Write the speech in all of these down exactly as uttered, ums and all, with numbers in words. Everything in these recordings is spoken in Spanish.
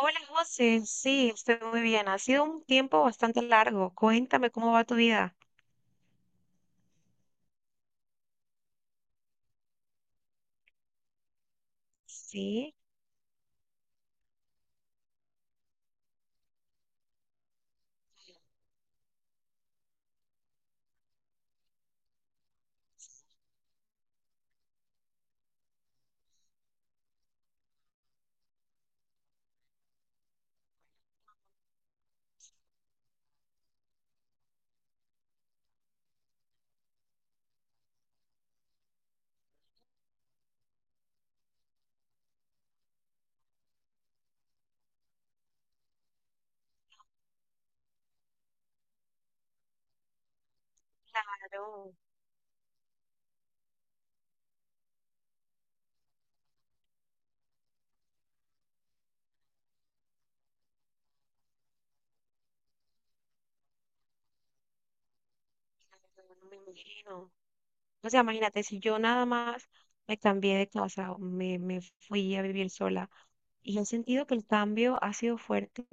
Hola José, sí, estoy muy bien. Ha sido un tiempo bastante largo. Cuéntame cómo va tu vida. Sí, claro, claro, no me imagino. O sea, imagínate, si yo nada más me cambié de casa, o me, me fui a vivir sola y he sentido que el cambio ha sido fuerte,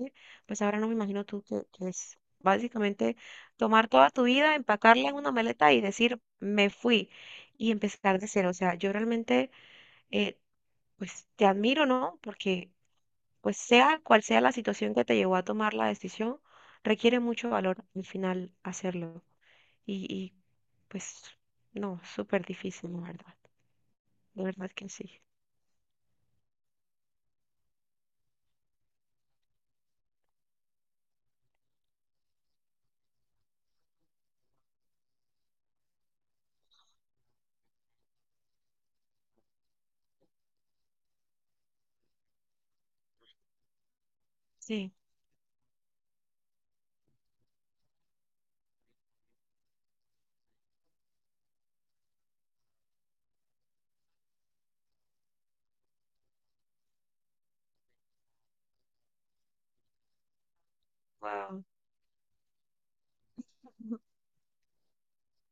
pues ahora no me imagino tú que, que es básicamente tomar toda tu vida, empacarla en una maleta y decir, me fui y empezar de cero. O sea, yo realmente, eh, pues te admiro, ¿no? Porque pues sea cual sea la situación que te llevó a tomar la decisión, requiere mucho valor al final hacerlo. Y, y pues no, súper difícil, la verdad. De verdad que sí. Sí. Wow.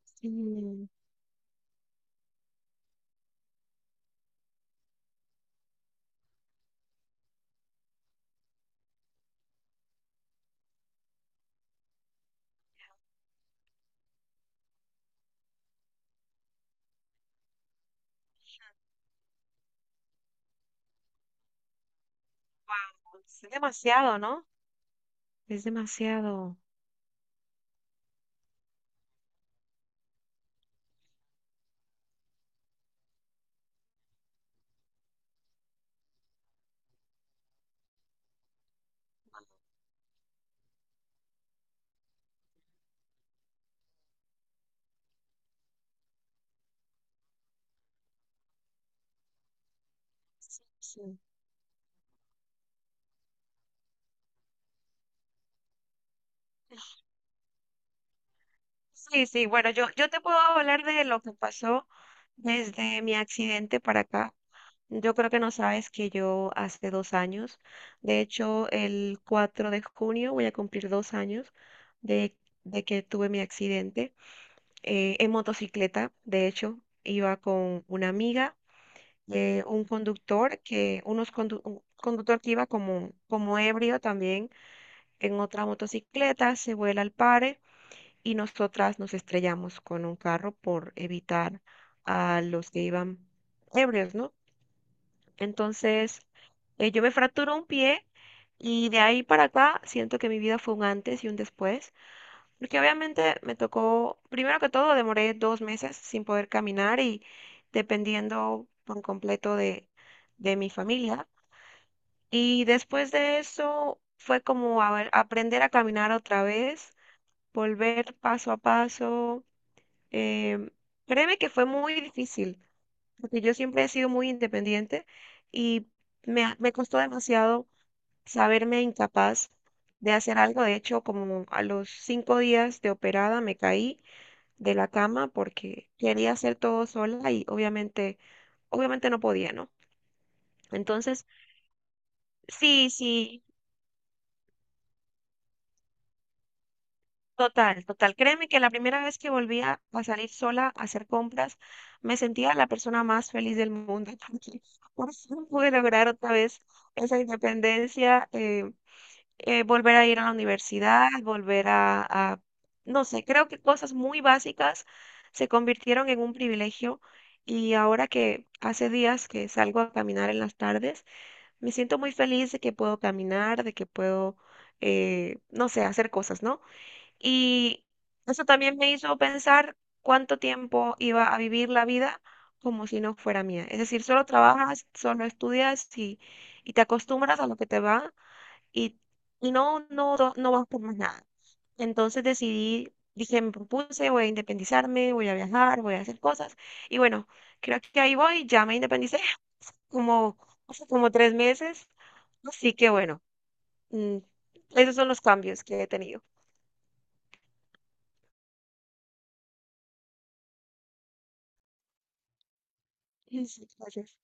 Sí. Wow. Es demasiado, ¿no? Es demasiado. Sí, sí. Sí, sí, bueno, yo, yo te puedo hablar de lo que pasó desde mi accidente para acá. Yo creo que no sabes que yo hace dos años, de hecho el cuatro de junio voy a cumplir dos años de, de que tuve mi accidente, eh, en motocicleta. De hecho iba con una amiga, eh, un conductor que, unos condu- un conductor que iba como, como ebrio también en otra motocicleta, se vuela al pare y nosotras nos estrellamos con un carro por evitar a los que iban ebrios, ¿no? Entonces, eh, yo me fracturé un pie y de ahí para acá siento que mi vida fue un antes y un después, porque obviamente me tocó, primero que todo, demoré dos meses sin poder caminar y dependiendo por completo de, de mi familia. Y después de eso fue como a ver- aprender a caminar otra vez, volver paso a paso. em, Créeme que fue muy difícil porque yo siempre he sido muy independiente y me, ha- me costó demasiado saberme incapaz de hacer algo. De hecho, como a los cinco días de operada me caí de la cama porque quería hacer todo sola y obviamente, obviamente no podía, ¿no? Entonces, sí, sí, total, total. Créeme que la primera vez que volví a a salir sola a hacer compras, me sentía la persona más feliz del mundo porque por fin pude lograr otra vez esa independencia. Eh, eh, volver a ir a la universidad, volver a, a- no sé, creo que cosas muy básicas se convirtieron en un privilegio y ahora que hace días que salgo a caminar en las tardes, me siento muy feliz de que puedo caminar, de que puedo, eh, no sé, hacer cosas, ¿no? Y eso también me hizo pensar cuánto tiempo iba a vivir la vida, como si no fuera mía. Es decir, solo trabajas, solo estudias y, y te acostumbras a lo que te va y, y no, no, no, no vas por más nada. Entonces decidí, dije, me propuse, voy a independizarme, voy a viajar, voy a hacer cosas. Y bueno, creo que ahí voy, ya me independicé como, hace como tres meses. Así que bueno, mm, esos son los cambios que he tenido. Sí, sí, gracias.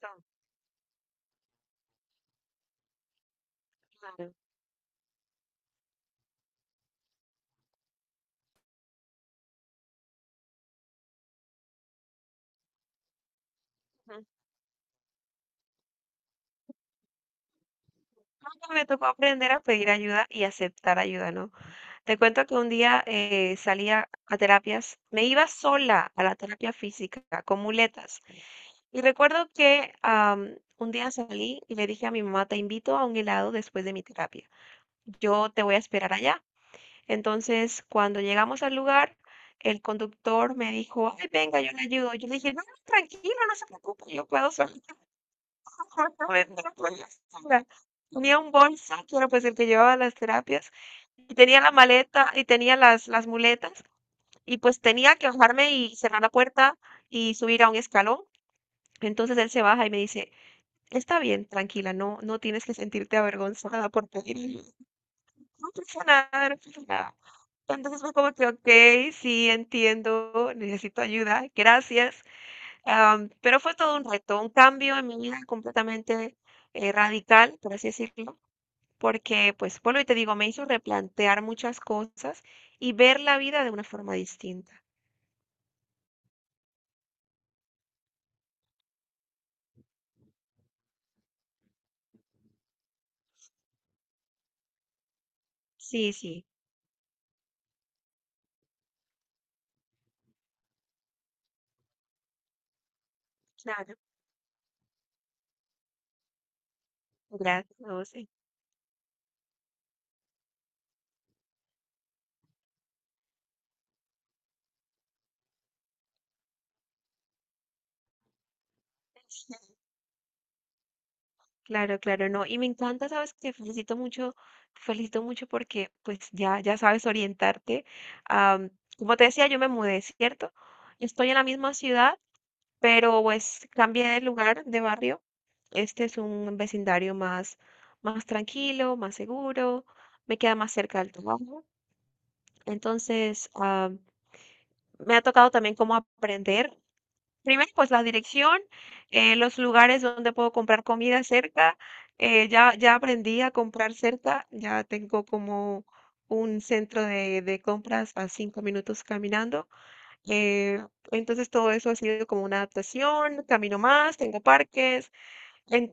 Claro, claro. Ujú. Me tocó aprender a pedir ayuda y aceptar ayuda, ¿no? Te cuento que un día, eh, salía a terapias, me iba sola a la terapia física con muletas. Y recuerdo que, am, un día salí y le dije a mi mamá, te invito a un helado después de mi terapia. Yo te voy a esperar allá. Entonces, cuando llegamos al lugar, el conductor me dijo, ay, venga, yo le ayudo. Yo le dije, no, no, tranquilo, no se preocupe, yo puedo sola. No me- no voy sola. Tenía un bolso, que era pues el que llevaba las terapias, y tenía la maleta, y tenía las, las muletas, y pues tenía que bajarme y cerrar la puerta y subir a un escalón. Entonces él se baja y me dice, está bien, tranquila, no, no tienes que sentirte avergonzada por pedir ayuda. No pasa nada, no pasa nada. Entonces fue como que, ok, sí, entiendo, necesito ayuda, gracias. Am, pero fue todo un reto, un cambio en mi vida completamente, eh, radical, por así decirlo, porque, pues, bueno y te digo, me hizo replantear muchas cosas y ver la vida de una forma distinta. Sí, sí, claro, gracias. No, sí. Claro, claro, no. Y me encanta, sabes, te felicito mucho, te felicito mucho porque pues ya, ya sabes orientarte. Am, Como te decía, yo me mudé, ¿cierto? Yo estoy en la misma ciudad, pero pues cambié de lugar, de barrio. Este es un vecindario más, más tranquilo, más seguro, me queda más cerca del trabajo. Entonces, am, me ha tocado también como aprender. Primero, pues la dirección, eh, los lugares donde puedo comprar comida cerca. eh, ya, ya aprendí a comprar cerca, ya tengo como un centro de, de compras a cinco minutos caminando. eh, entonces todo eso ha sido como una adaptación, camino más, tengo parques, en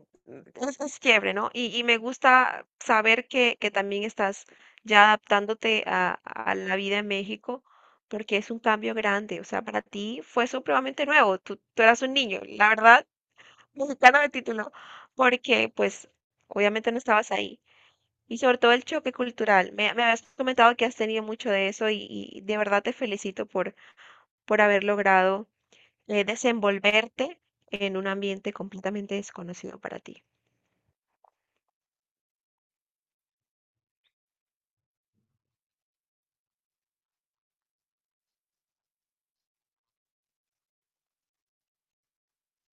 es es quiebre, ¿no? Y y me gusta saber que que también estás ya adaptándote a a la vida en México, porque es un cambio grande, o sea, para ti fue supremamente nuevo, tú tú eras un niño, la verdad, mexicano de título, porque, pues, obviamente no estabas ahí. Y sobre todo el choque cultural, me me habías comentado que has tenido mucho de eso y y de verdad te felicito por por haber logrado, eh, desenvolverte en un ambiente completamente desconocido para ti.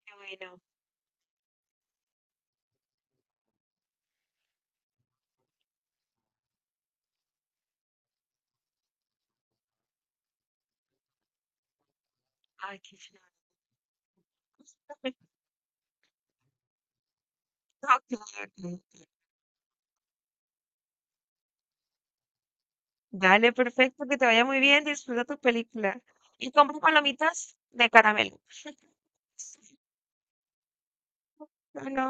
Qué bueno. Ay, qué chévere. No, claro que- no. Dale, perfecto, que te vaya muy bien, disfruta tu película. Y compra palomitas de caramelo. No, no.